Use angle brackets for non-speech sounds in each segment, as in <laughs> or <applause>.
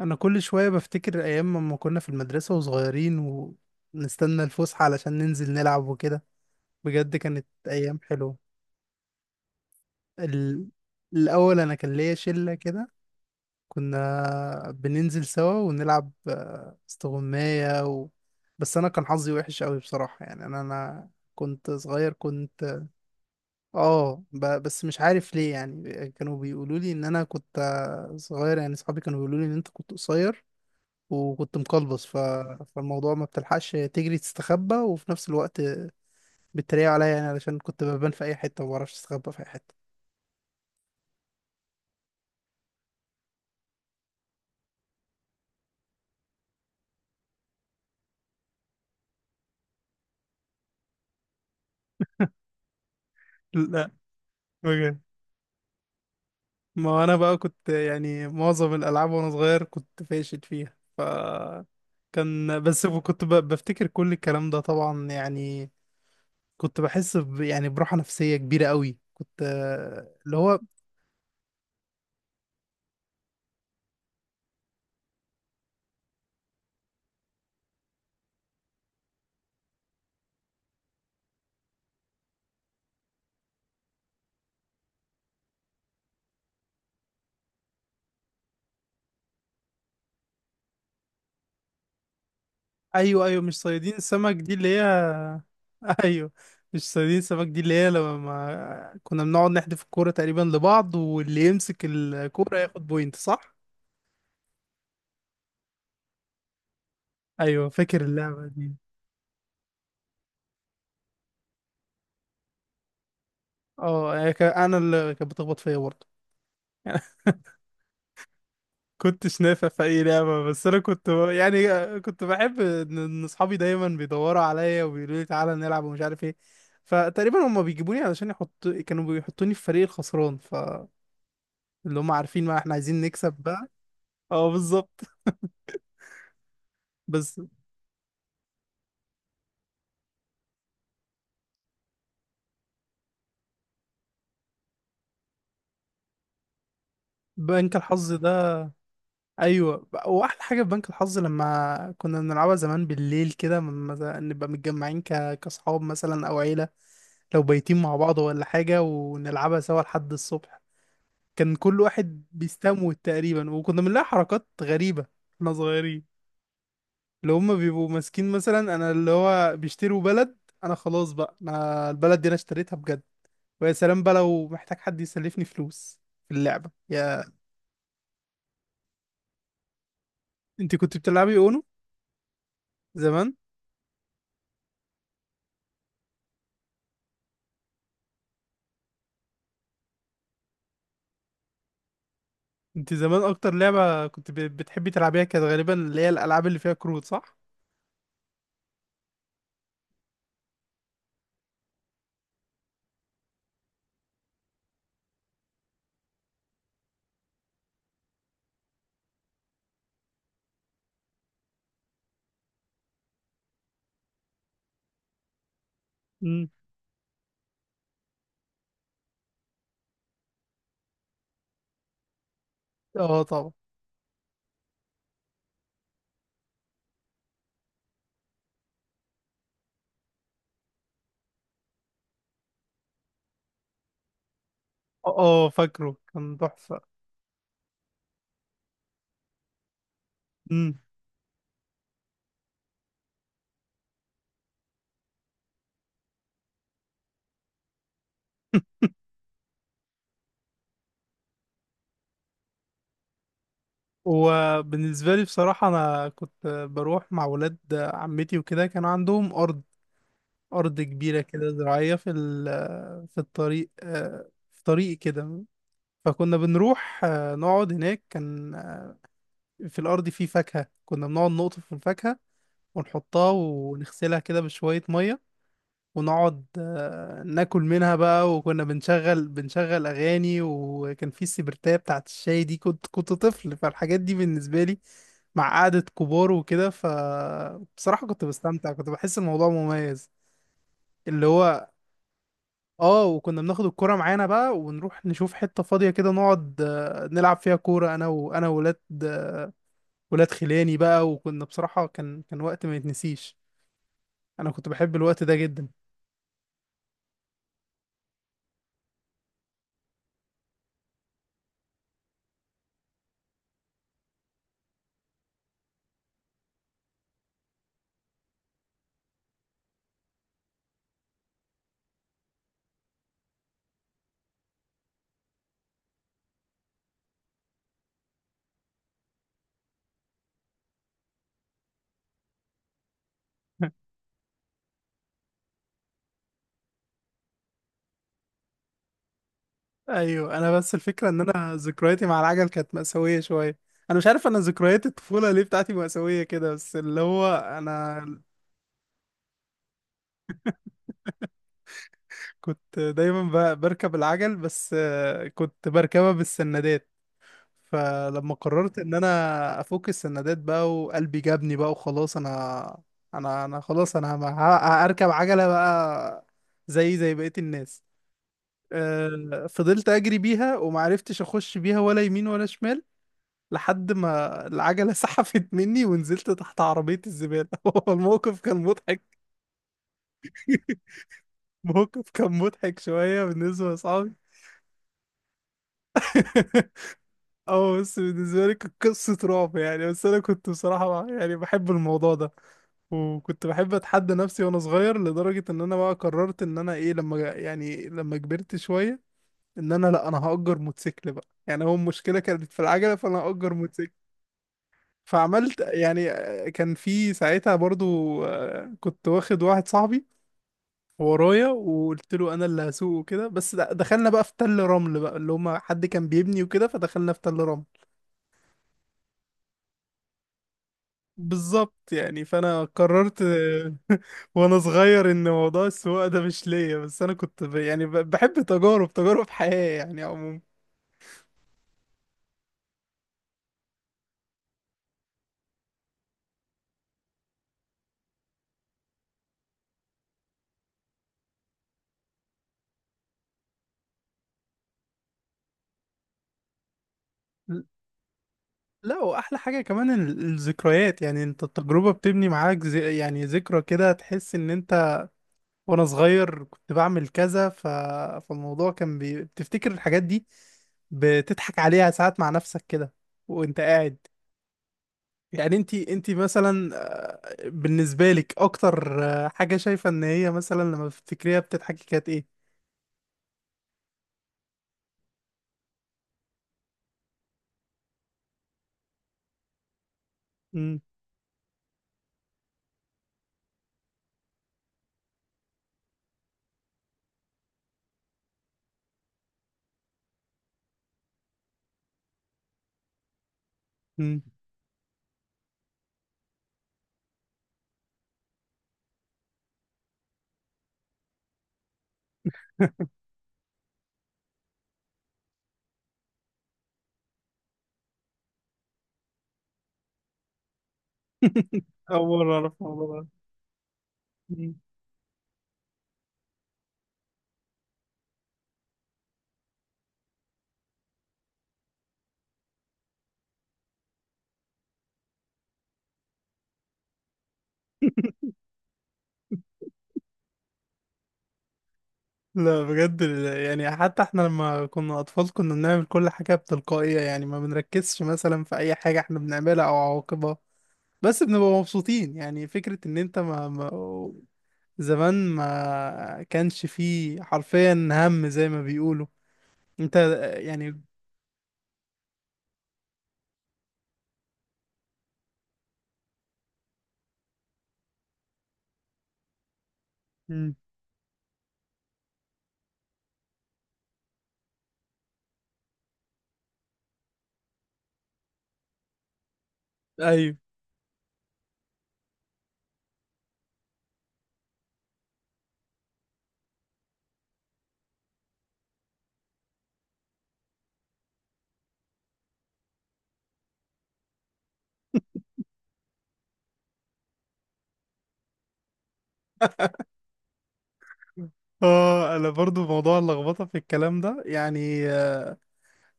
انا كل شويه بفتكر ايام ما كنا في المدرسه وصغيرين، ونستنى الفسحه علشان ننزل نلعب وكده. بجد كانت ايام حلوه. ال... الاول انا كان ليا شله كده. كنا بننزل سوا ونلعب استغمايه بس انا كان حظي وحش قوي بصراحه. يعني انا كنت صغير، كنت. اه، بس مش عارف ليه. يعني كانوا بيقولوا لي ان انا كنت صغير. يعني صحابي كانوا بيقولوا لي ان انت كنت قصير، وكنت مقلبص فالموضوع ما بتلحقش تجري تستخبى، وفي نفس الوقت بيتريقوا عليا، يعني علشان كنت ببان في اي حته وما بعرفش استخبى في اي حته. لا بجد. ما انا بقى كنت يعني معظم الالعاب وانا صغير كنت فاشل فيها، كان بس كنت بفتكر كل الكلام ده طبعا، يعني كنت بحس يعني براحه نفسيه كبيره قوي. كنت اللي هو. ايوه، ايوه، مش صيادين سمك دي اللي هي. <laughs> ايوه. مش صيادين سمك دي اللي هي لما كنا بنقعد نحدف الكوره تقريبا لبعض، واللي يمسك الكوره ياخد بوينت، صح؟ ايوه، فاكر اللعبه دي. اه، هي انا اللي كانت بتخبط فيا برضه. <laughs> كنتش نافع في اي لعبه، بس انا كنت، يعني كنت بحب ان اصحابي دايما بيدوروا عليا وبيقولوا لي تعالى نلعب ومش عارف ايه. فتقريبا هما بيجيبوني علشان كانوا بيحطوني في فريق الخسران، فاللي هما عارفين ما احنا عايزين نكسب بقى. اه، بالظبط. بس. بنك الحظ ده. ايوه، واحلى حاجه في بنك الحظ لما كنا بنلعبها زمان بالليل كده، لما نبقى متجمعين كاصحاب مثلا او عيله، لو بايتين مع بعض ولا حاجه، ونلعبها سوا لحد الصبح. كان كل واحد بيستموت تقريبا، وكنا بنلاقي حركات غريبه. احنا صغيرين. اللي هم بيبقوا ماسكين مثلا، انا اللي هو بيشتروا بلد. انا خلاص بقى، انا البلد دي انا اشتريتها بجد. ويا سلام بقى لو محتاج حد يسلفني فلوس في اللعبه، انت كنت بتلعبي اونو زمان؟ انت زمان اكتر لعبة كنت بتحبي تلعبيها كانت غالبا اللي هي الالعاب اللي فيها كروت، صح؟ امم. اه، طبعا. اه، فاكره كان تحفة. امم. <laughs> وبالنسبة لي بصراحة، أنا كنت بروح مع ولاد عمتي وكده. كان عندهم أرض، أرض كبيرة كده زراعية في الطريق، في طريق كده. فكنا بنروح نقعد هناك. كان في الأرض فيه فاكهة، كنا بنقعد نقطف في الفاكهة ونحطها ونغسلها كده بشوية مية، ونقعد ناكل منها بقى. وكنا بنشغل أغاني، وكان في السبرتاية بتاعت الشاي دي. كنت طفل، فالحاجات دي بالنسبة لي مع قعدة كبار وكده، فبصراحة كنت بستمتع، كنت بحس الموضوع مميز. اللي هو اه، وكنا بناخد الكرة معانا بقى ونروح نشوف حتة فاضية كده، نقعد نلعب فيها كورة انا وولاد خلاني بقى. وكنا بصراحة كان وقت ما يتنسيش. انا كنت بحب الوقت ده جدا. <laughs> ايوه. انا بس الفكرة ان انا ذكرياتي مع العجل كانت مأساوية شوية. انا مش عارف، انا ذكريات الطفولة ليه بتاعتي مأساوية كده. بس اللي هو انا كنت دايما بركب العجل، بس كنت بركبها بالسندات. فلما قررت ان انا افك السندات بقى وقلبي جابني بقى وخلاص، انا خلاص، انا هركب عجلة بقى، زي بقية الناس. فضلت اجري بيها ومعرفتش اخش بيها ولا يمين ولا شمال، لحد ما العجلة <laughs> سحفت مني ونزلت تحت عربية الزبالة. <laughs> هو الموقف كان مضحك. <laughs> موقف كان مضحك شوية بالنسبة لأصحابي. <laughs> اه، بس بالنسبة لي كانت قصة رعب يعني. بس أنا كنت بصراحة يعني بحب الموضوع ده، وكنت بحب أتحدى نفسي وأنا صغير، لدرجة إن أنا بقى قررت إن أنا إيه، لما يعني لما كبرت شوية ان انا، لا انا هأجر موتوسيكل بقى. يعني هو المشكله كانت في العجله، فانا هأجر موتوسيكل. فعملت يعني، كان في ساعتها برضو. كنت واخد واحد صاحبي ورايا، وقلت له انا اللي هسوق وكده. بس دخلنا بقى في تل رمل بقى، اللي هما حد كان بيبني وكده، فدخلنا في تل رمل. بالظبط يعني. فانا قررت <laughs> وانا صغير ان موضوع السواقه ده مش ليا. بس انا كنت يعني بحب تجارب حياه يعني عموما. لا، واحلى حاجه كمان الذكريات. يعني انت التجربه بتبني معاك زي يعني ذكرى كده، تحس ان انت وانا صغير كنت بعمل كذا فالموضوع كان بتفتكر الحاجات دي، بتضحك عليها ساعات مع نفسك كده وانت قاعد. يعني انت مثلا، بالنسبه لك اكتر حاجه شايفه ان هي مثلا لما بتفتكريها بتضحكي كانت ايه؟ امم. امم. <laughs> اول مره اعرف الموضوع ده. مم. <laughs> لا بجد. يعني حتى احنا لما كنا اطفال كنا بنعمل كل حاجة بتلقائية، يعني ما بنركزش مثلا في اي حاجة احنا بنعملها او عواقبها. بس بنبقى مبسوطين. يعني فكرة ان انت ما زمان ما كانش فيه حرفيا هم، زي ما بيقولوا. انت يعني. مم. ايوه. اه، انا برضو موضوع اللخبطه في الكلام ده يعني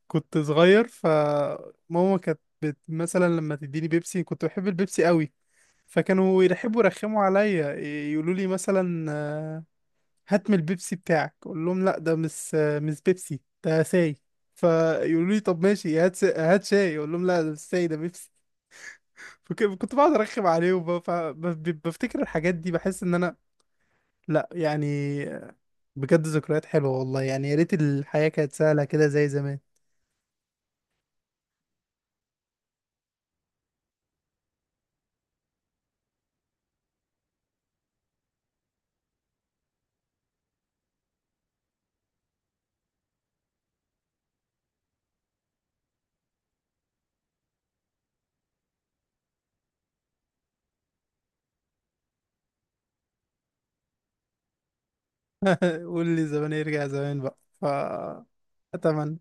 كنت صغير. فماما كانت مثلا لما تديني بيبسي. كنت بحب البيبسي قوي. فكانوا يرخموا عليا، يقولوا لي مثلا هات من البيبسي بتاعك. اقول لهم لا ده مش بيبسي، ده ساي. فيقولوا لي طب ماشي هات شاي. اقول لهم لا ده مش ساي، ده بيبسي. <laughs> كنت بقعد ارخم عليهم بقى، بفتكر الحاجات دي، بحس ان انا، لا يعني بجد ذكريات حلوة والله. يعني يا ريت الحياة كانت سهلة كده زي زمان. <laughs> قول لي زمان، يرجع زمان بقى اتمنى.